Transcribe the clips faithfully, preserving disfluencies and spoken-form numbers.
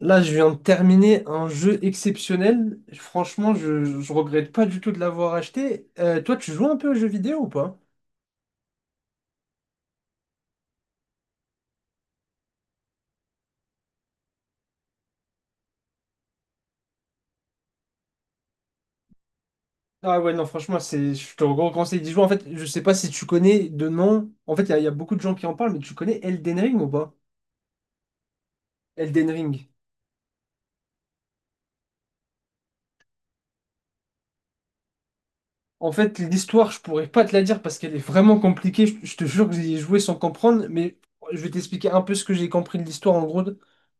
Là, je viens de terminer un jeu exceptionnel. Franchement, je, je regrette pas du tout de l'avoir acheté. Euh, toi, tu joues un peu aux jeux vidéo ou pas? Ah ouais, non, franchement, c'est, je te conseil d'y jouer. En fait, je sais pas si tu connais de nom. En fait, il y, a il y a beaucoup de gens qui en parlent, mais tu connais Elden Ring ou pas? Elden Ring. En fait, l'histoire, je pourrais pas te la dire parce qu'elle est vraiment compliquée. Je, je te jure que j'ai joué sans comprendre, mais je vais t'expliquer un peu ce que j'ai compris de l'histoire. En gros,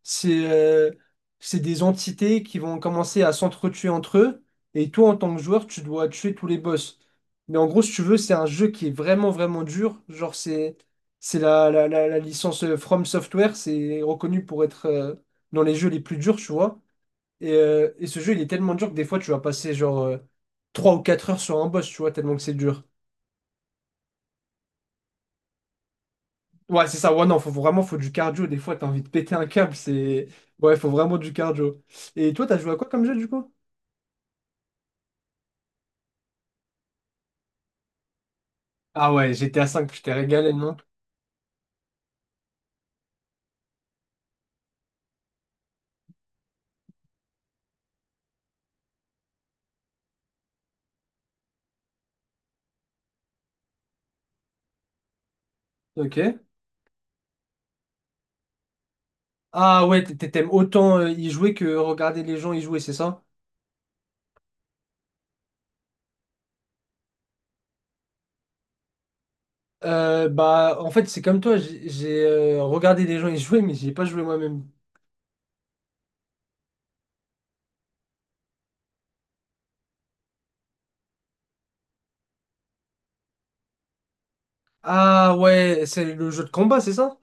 c'est euh, c'est des entités qui vont commencer à s'entretuer entre eux, et toi, en tant que joueur, tu dois tuer tous les boss. Mais en gros, si tu veux, c'est un jeu qui est vraiment, vraiment dur. Genre, c'est c'est la, la, la, la licence euh, From Software, c'est reconnu pour être euh, dans les jeux les plus durs, tu vois. Et, euh, et ce jeu, il est tellement dur que des fois, tu vas passer genre euh, trois ou quatre heures sur un boss, tu vois, tellement que c'est dur. Ouais, c'est ça. Ouais, non, faut vraiment faut du cardio. Des fois, t'as envie de péter un câble. C'est. Ouais, faut vraiment du cardio. Et toi, t'as joué à quoi comme jeu, du coup? Ah ouais, G T A cinq, je t'ai régalé, non? Ok. Ah ouais, t- t- t'aimes autant euh, y jouer que regarder les gens y jouer, c'est ça? Euh, bah, en fait, c'est comme toi, j'ai j'ai, euh, regardé les gens y jouer, mais j'y ai pas joué moi-même. Ah ouais, c'est le jeu de combat, c'est ça?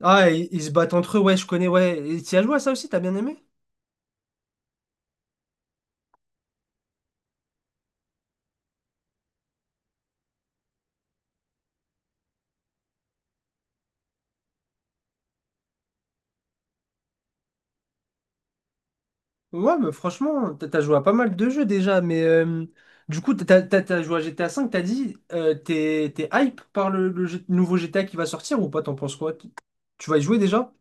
Ah, ils, ils se battent entre eux, ouais, je connais, ouais. Et t'y as joué à ça aussi, t'as bien aimé? Ouais, mais franchement, t'as t'as joué à pas mal de jeux déjà, mais euh, du coup, t'as t'as- t'as joué à G T A cinq, t'as dit, euh, t'es t'es hype par le, le G- nouveau G T A qui va sortir ou pas, t'en penses quoi? Tu tu vas y jouer déjà?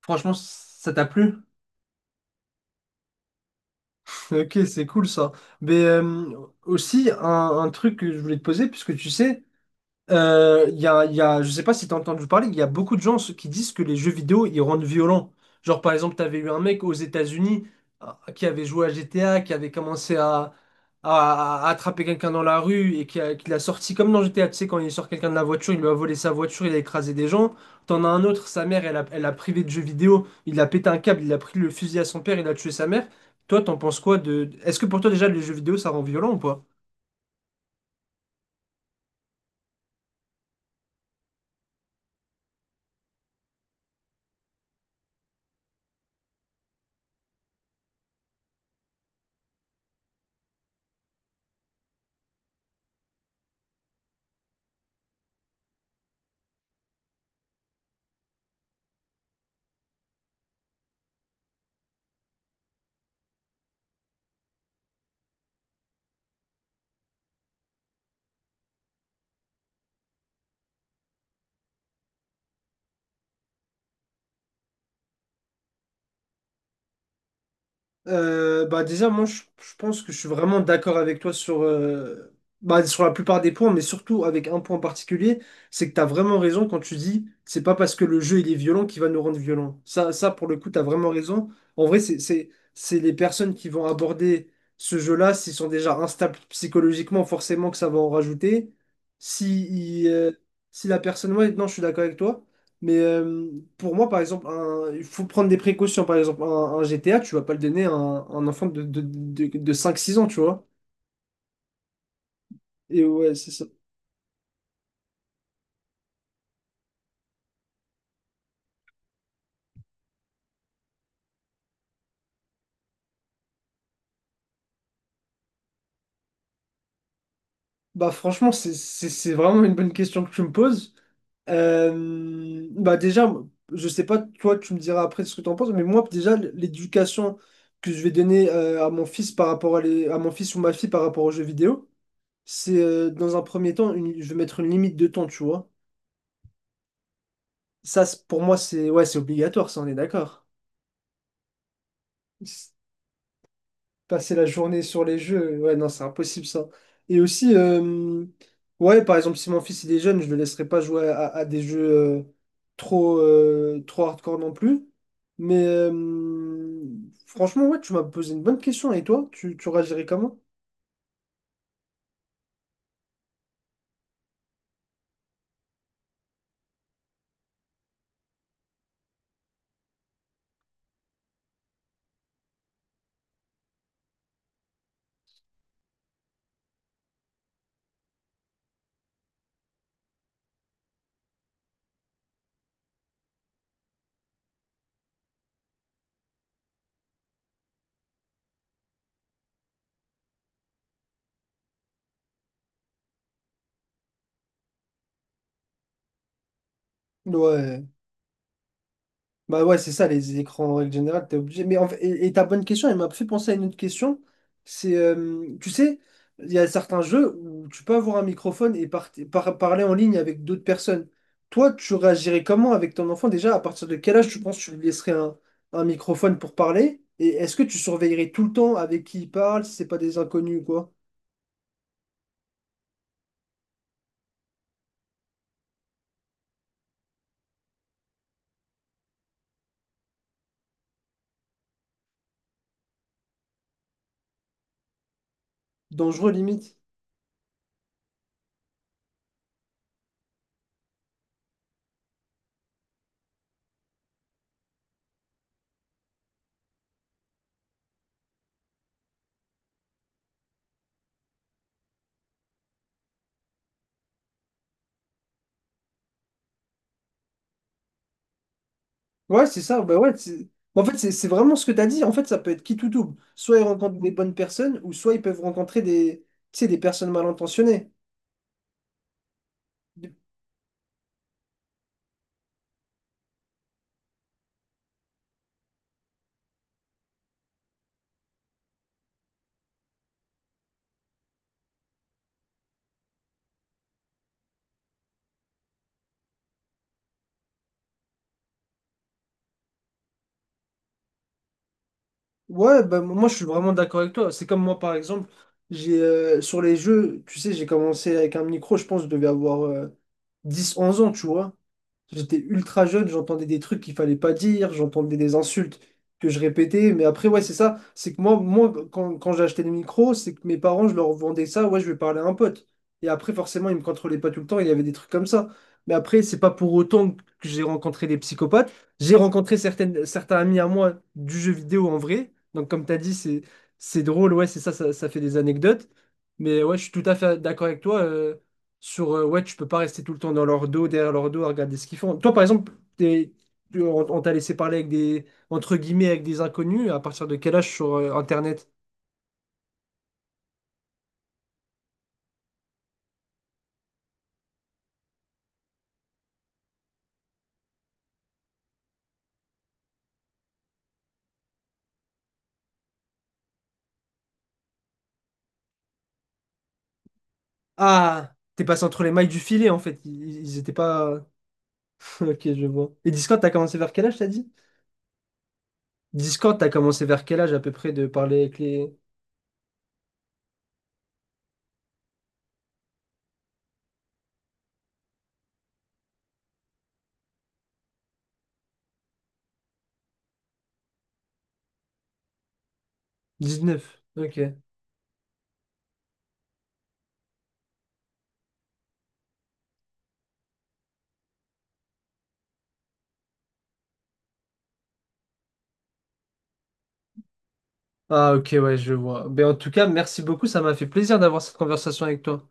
Franchement, ça t'a plu? Ok, c'est cool ça. Mais euh, aussi, un, un truc que je voulais te poser, puisque tu sais, euh, il y a, il y a, je sais pas si t'as entendu parler, il y a beaucoup de gens ce- qui disent que les jeux vidéo, ils rendent violents. Genre, par exemple, t'avais eu un mec aux États-Unis euh, qui avait joué à G T A, qui avait commencé à, à- à attraper quelqu'un dans la rue et qui, a- qui l'a sorti comme dans G T A, tu sais, quand il sort quelqu'un de la voiture, il lui a volé sa voiture, il a écrasé des gens. T'en as un autre, sa mère, elle a, elle a privé de jeux vidéo, il a pété un câble, il a pris le fusil à son père, il a tué sa mère. Toi, t'en penses quoi de... Est-ce que pour toi, déjà, les jeux vidéo, ça rend violent ou pas? Euh, bah déjà, moi, je, je pense que je suis vraiment d'accord avec toi sur, euh, bah, sur la plupart des points, mais surtout avec un point en particulier, c'est que tu as vraiment raison quand tu dis, c'est pas parce que le jeu il est violent qu'il va nous rendre violents. Ça, ça pour le coup, tu as vraiment raison. En vrai, c'est, c'est, c'est les personnes qui vont aborder ce jeu-là, s'ils sont déjà instables psychologiquement, forcément que ça va en rajouter. Si, il, euh, si la personne, ouais, non, je suis d'accord avec toi. Mais euh, pour moi, par exemple, un- il faut prendre des précautions. Par exemple, un, un G T A, tu vas pas le donner à un, un enfant de, de, de, de cinq six ans, tu vois. Et ouais, c'est ça. Bah franchement, c'est c'est- c'est vraiment une bonne question que tu me poses. Euh, bah déjà, je sais pas, toi, tu me diras après ce que tu en penses, mais moi, déjà, l'éducation que je vais donner euh, à mon fils par rapport à, les, à mon fils ou ma fille par rapport aux jeux vidéo, c'est euh, dans un premier temps, une- je vais mettre une limite de temps, tu vois. Ça, c'est- pour moi, c'est ouais, c'est obligatoire, ça, on est d'accord. s- passer la journée sur les jeux, ouais, non, c'est impossible ça. Et aussi, euh, ouais, par exemple, si mon fils il est jeune, je le laisserai pas jouer à, à des jeux euh, trop, euh, trop hardcore non plus. Mais euh, franchement, ouais, tu m'as posé une bonne question. Et toi, tu, tu réagirais comment? Ouais. Bah ouais, c'est ça, les écrans en règle générale, t'es obligé. Mais en fait- et, et ta bonne question, elle m'a fait penser à une autre question. C'est, euh, tu sais, il y a certains jeux où tu peux avoir un microphone et par- par- parler en ligne avec d'autres personnes. Toi, tu réagirais comment avec ton enfant déjà? À partir de quel âge tu penses que tu lui laisserais un, un microphone pour parler? Et est-ce que tu surveillerais tout le temps avec qui il parle, si c'est pas des inconnus ou quoi? Dangereux limite. Ouais, c'est ça. Bah ouais, c'est- en fait, c'est c'est vraiment ce que tu as dit. En fait, ça peut être qui tout double. Soit ils rencontrent des bonnes personnes, ou soit ils peuvent rencontrer des, tu sais, des personnes mal intentionnées. Ouais, bah, moi, je suis vraiment d'accord avec toi. C'est comme moi, par exemple, j'ai euh, sur les jeux, tu sais, j'ai commencé avec un micro, je pense, je devais avoir euh, dix onze ans, tu vois. J'étais ultra jeune, j'entendais des trucs qu'il fallait pas dire, j'entendais des insultes que je répétais. Mais après, ouais, c'est ça. C'est que moi, moi quand, quand j'ai acheté le micro, c'est que mes parents, je leur vendais ça. Ouais, je vais parler à un pote. Et après, forcément, ils me contrôlaient pas tout le temps. Il y avait des trucs comme ça. Mais après, c'est pas pour autant que j'ai rencontré des psychopathes. J'ai rencontré certaines, certains amis à moi du jeu vidéo en vrai. Donc, comme tu as dit, c'est, c'est drôle. Ouais, c'est ça, ça, ça fait des anecdotes. Mais ouais, je suis tout à fait d'accord avec toi. Euh, sur euh, ouais, tu peux pas rester tout le temps dans leur dos, derrière leur dos, à regarder ce qu'ils font. Toi, par exemple, t'es- tu- on, on t'a laissé parler avec des, entre guillemets, avec des inconnus, à partir de quel âge sur euh, Internet? Ah, t'es passé entre les mailles du filet, en fait. Ils, ils étaient pas. Ok, je vois. Et Discord, t'as commencé vers quel âge, t'as dit? Discord, t'as commencé vers quel âge à peu près de parler avec les dix-neuf. Ok. Ah ok, ouais, je vois. Mais en tout cas, merci beaucoup, ça m'a fait plaisir d'avoir cette conversation avec toi.